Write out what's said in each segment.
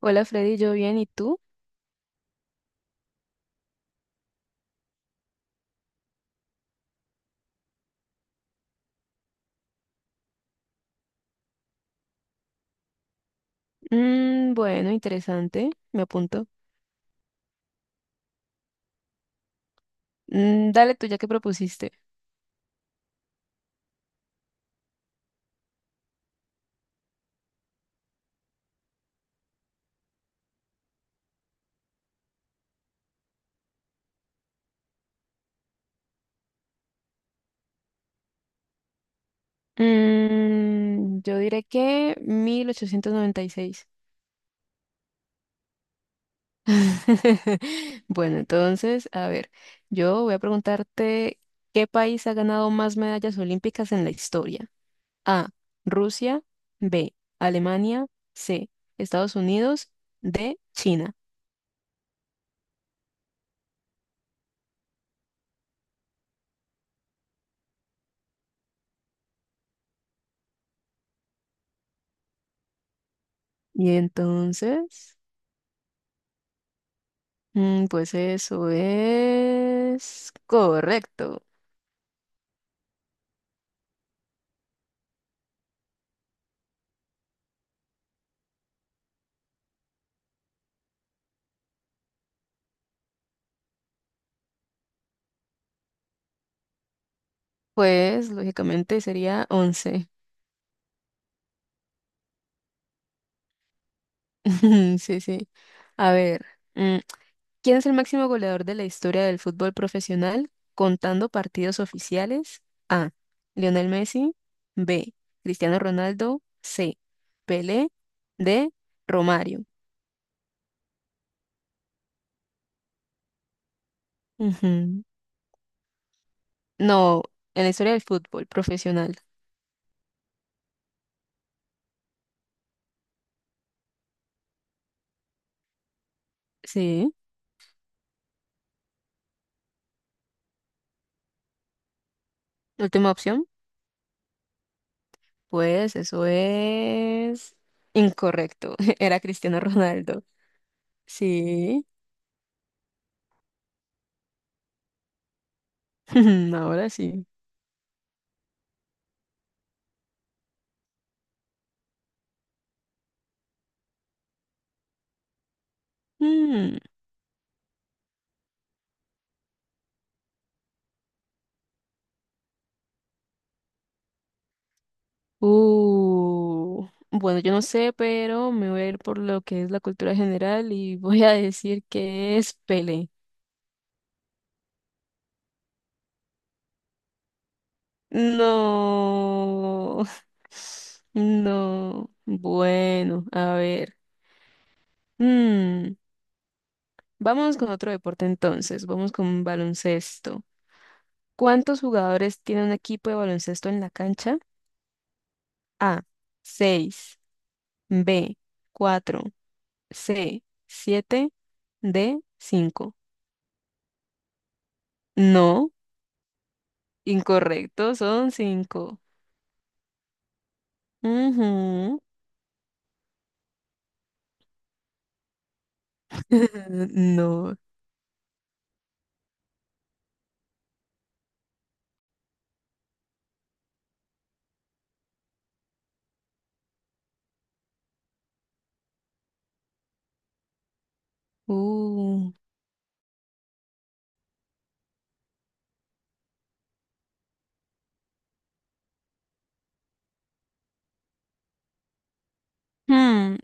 Hola Freddy, yo bien, ¿y tú? Bueno, interesante, me apunto. Dale tú ya que propusiste. Yo diré que 1896. Bueno, entonces, a ver, yo voy a preguntarte, ¿qué país ha ganado más medallas olímpicas en la historia? A, Rusia. B, Alemania. C, Estados Unidos. D, China. Y entonces... pues eso es correcto. Pues lógicamente sería 11. Sí, sí. A ver, mm, ¿quién es el máximo goleador de la historia del fútbol profesional contando partidos oficiales? A. Lionel Messi. B. Cristiano Ronaldo. C. Pelé. D. Romario. Ujú. No, en la historia del fútbol profesional. Sí. Última opción. Pues eso es incorrecto. Era Cristiano Ronaldo. Sí. Ahora sí. Mm. Uh. Bueno, yo no sé, pero me voy a ir por lo que es la cultura general y voy a decir que es Pele. No. No. Bueno, a ver. Mm. Vamos con otro deporte entonces. Vamos con baloncesto. ¿Cuántos jugadores tiene un equipo de baloncesto en la cancha? A, seis. B, cuatro. C, siete. D, 5. No, incorrecto, son 5. No. Uh. Hmm,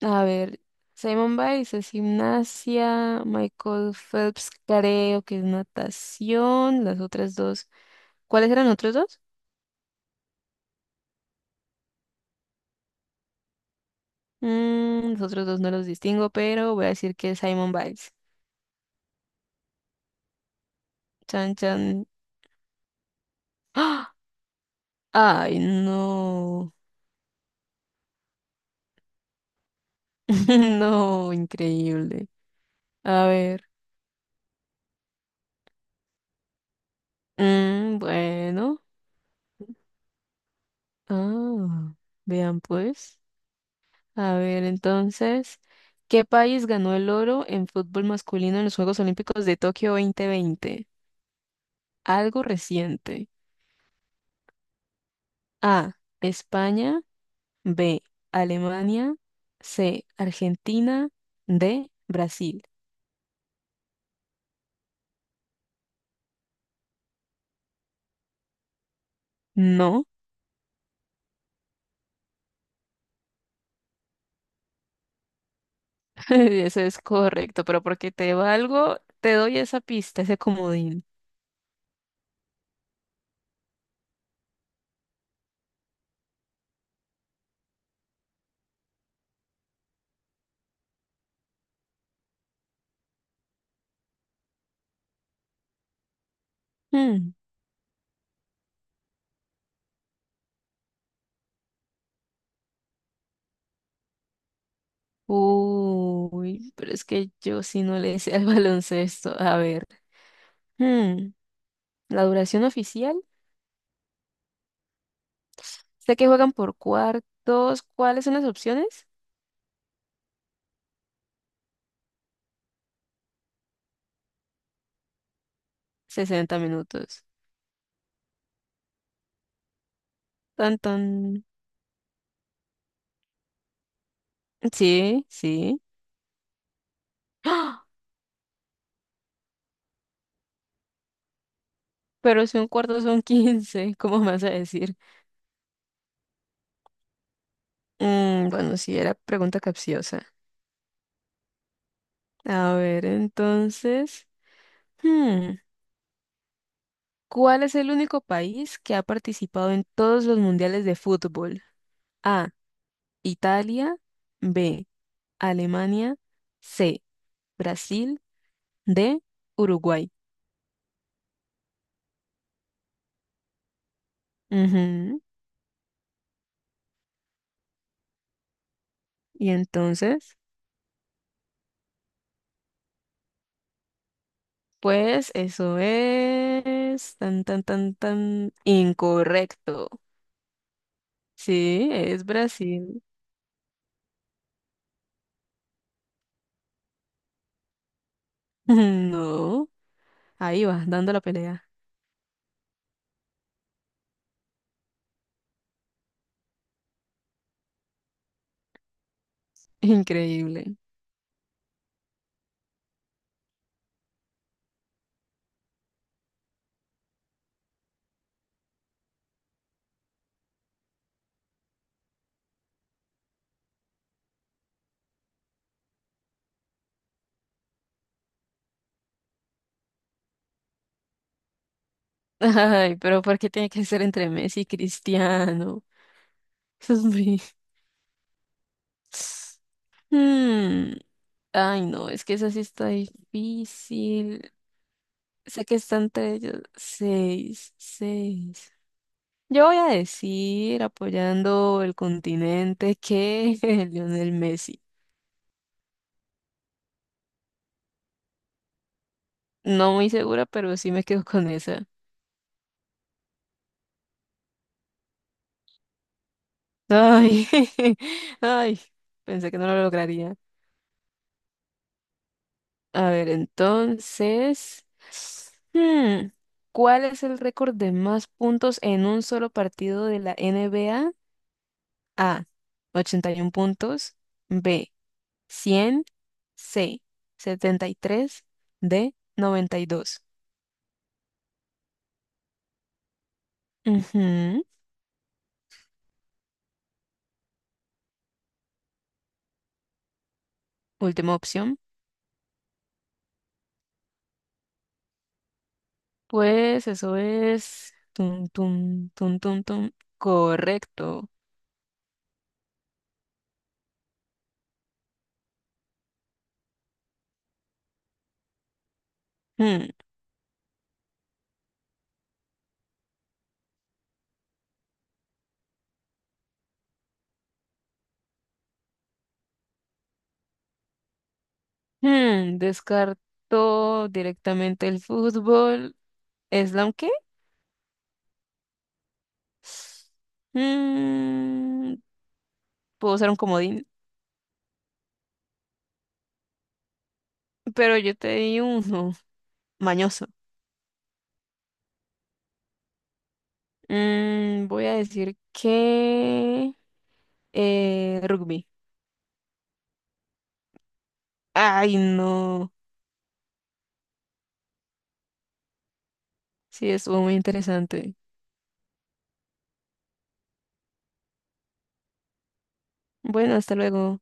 A ver, Simon Biles es gimnasia, Michael Phelps creo que es natación, las otras dos. ¿Cuáles eran otros dos? Los otros dos no los distingo, pero voy a decir que es Simon Biles. Chan, chan. ¡Ah! Ay, no. No, increíble. A ver. Mm, bueno. Ah, vean pues. A ver, entonces, ¿qué país ganó el oro en fútbol masculino en los Juegos Olímpicos de Tokio 2020? Algo reciente. A, España. B, Alemania. C, Argentina. D, Brasil. No, eso es correcto, pero porque te valgo, te doy esa pista, ese comodín. Mm. Uy, pero es que yo sí no le sé al baloncesto. A ver, Mm. la duración oficial, sé que juegan por cuartos. ¿Cuáles son las opciones? 60 minutos. Tan, tan. Sí, sí. ¡Ah! Pero si un cuarto son 15, ¿cómo me vas a decir? Bueno, sí, era pregunta capciosa. A ver, entonces. Hmm. ¿Cuál es el único país que ha participado en todos los mundiales de fútbol? A. Italia. B. Alemania. C. Brasil. D. Uruguay. Ujú. Y entonces, pues eso es tan, tan, tan, tan incorrecto. Sí, es Brasil. No, ahí va, dando la pelea. Increíble. Ay, pero ¿por qué tiene que ser entre Messi y Cristiano? Eso es muy... Hmm, ay, no, es que esa sí está difícil. Sé que está entre ellos. Seis, seis. Yo voy a decir, apoyando el continente, que Lionel Messi. No muy segura, pero sí me quedo con esa. Ay, ay, pensé que no lo lograría. A ver, entonces, hmm, ¿cuál es el récord de más puntos en un solo partido de la NBA? A, 81 puntos. B, cien. C, 73. D, 92. Ujú. Última opción. Pues eso es... Tum, tum, tum, tum, tum. Correcto. Hmm. Descartó directamente el fútbol. ¿Islam qué? Mm, puedo usar un comodín, pero yo te di uno. Mañoso. Voy a decir que rugby. Ay, no. Sí, estuvo muy interesante. Bueno, hasta luego.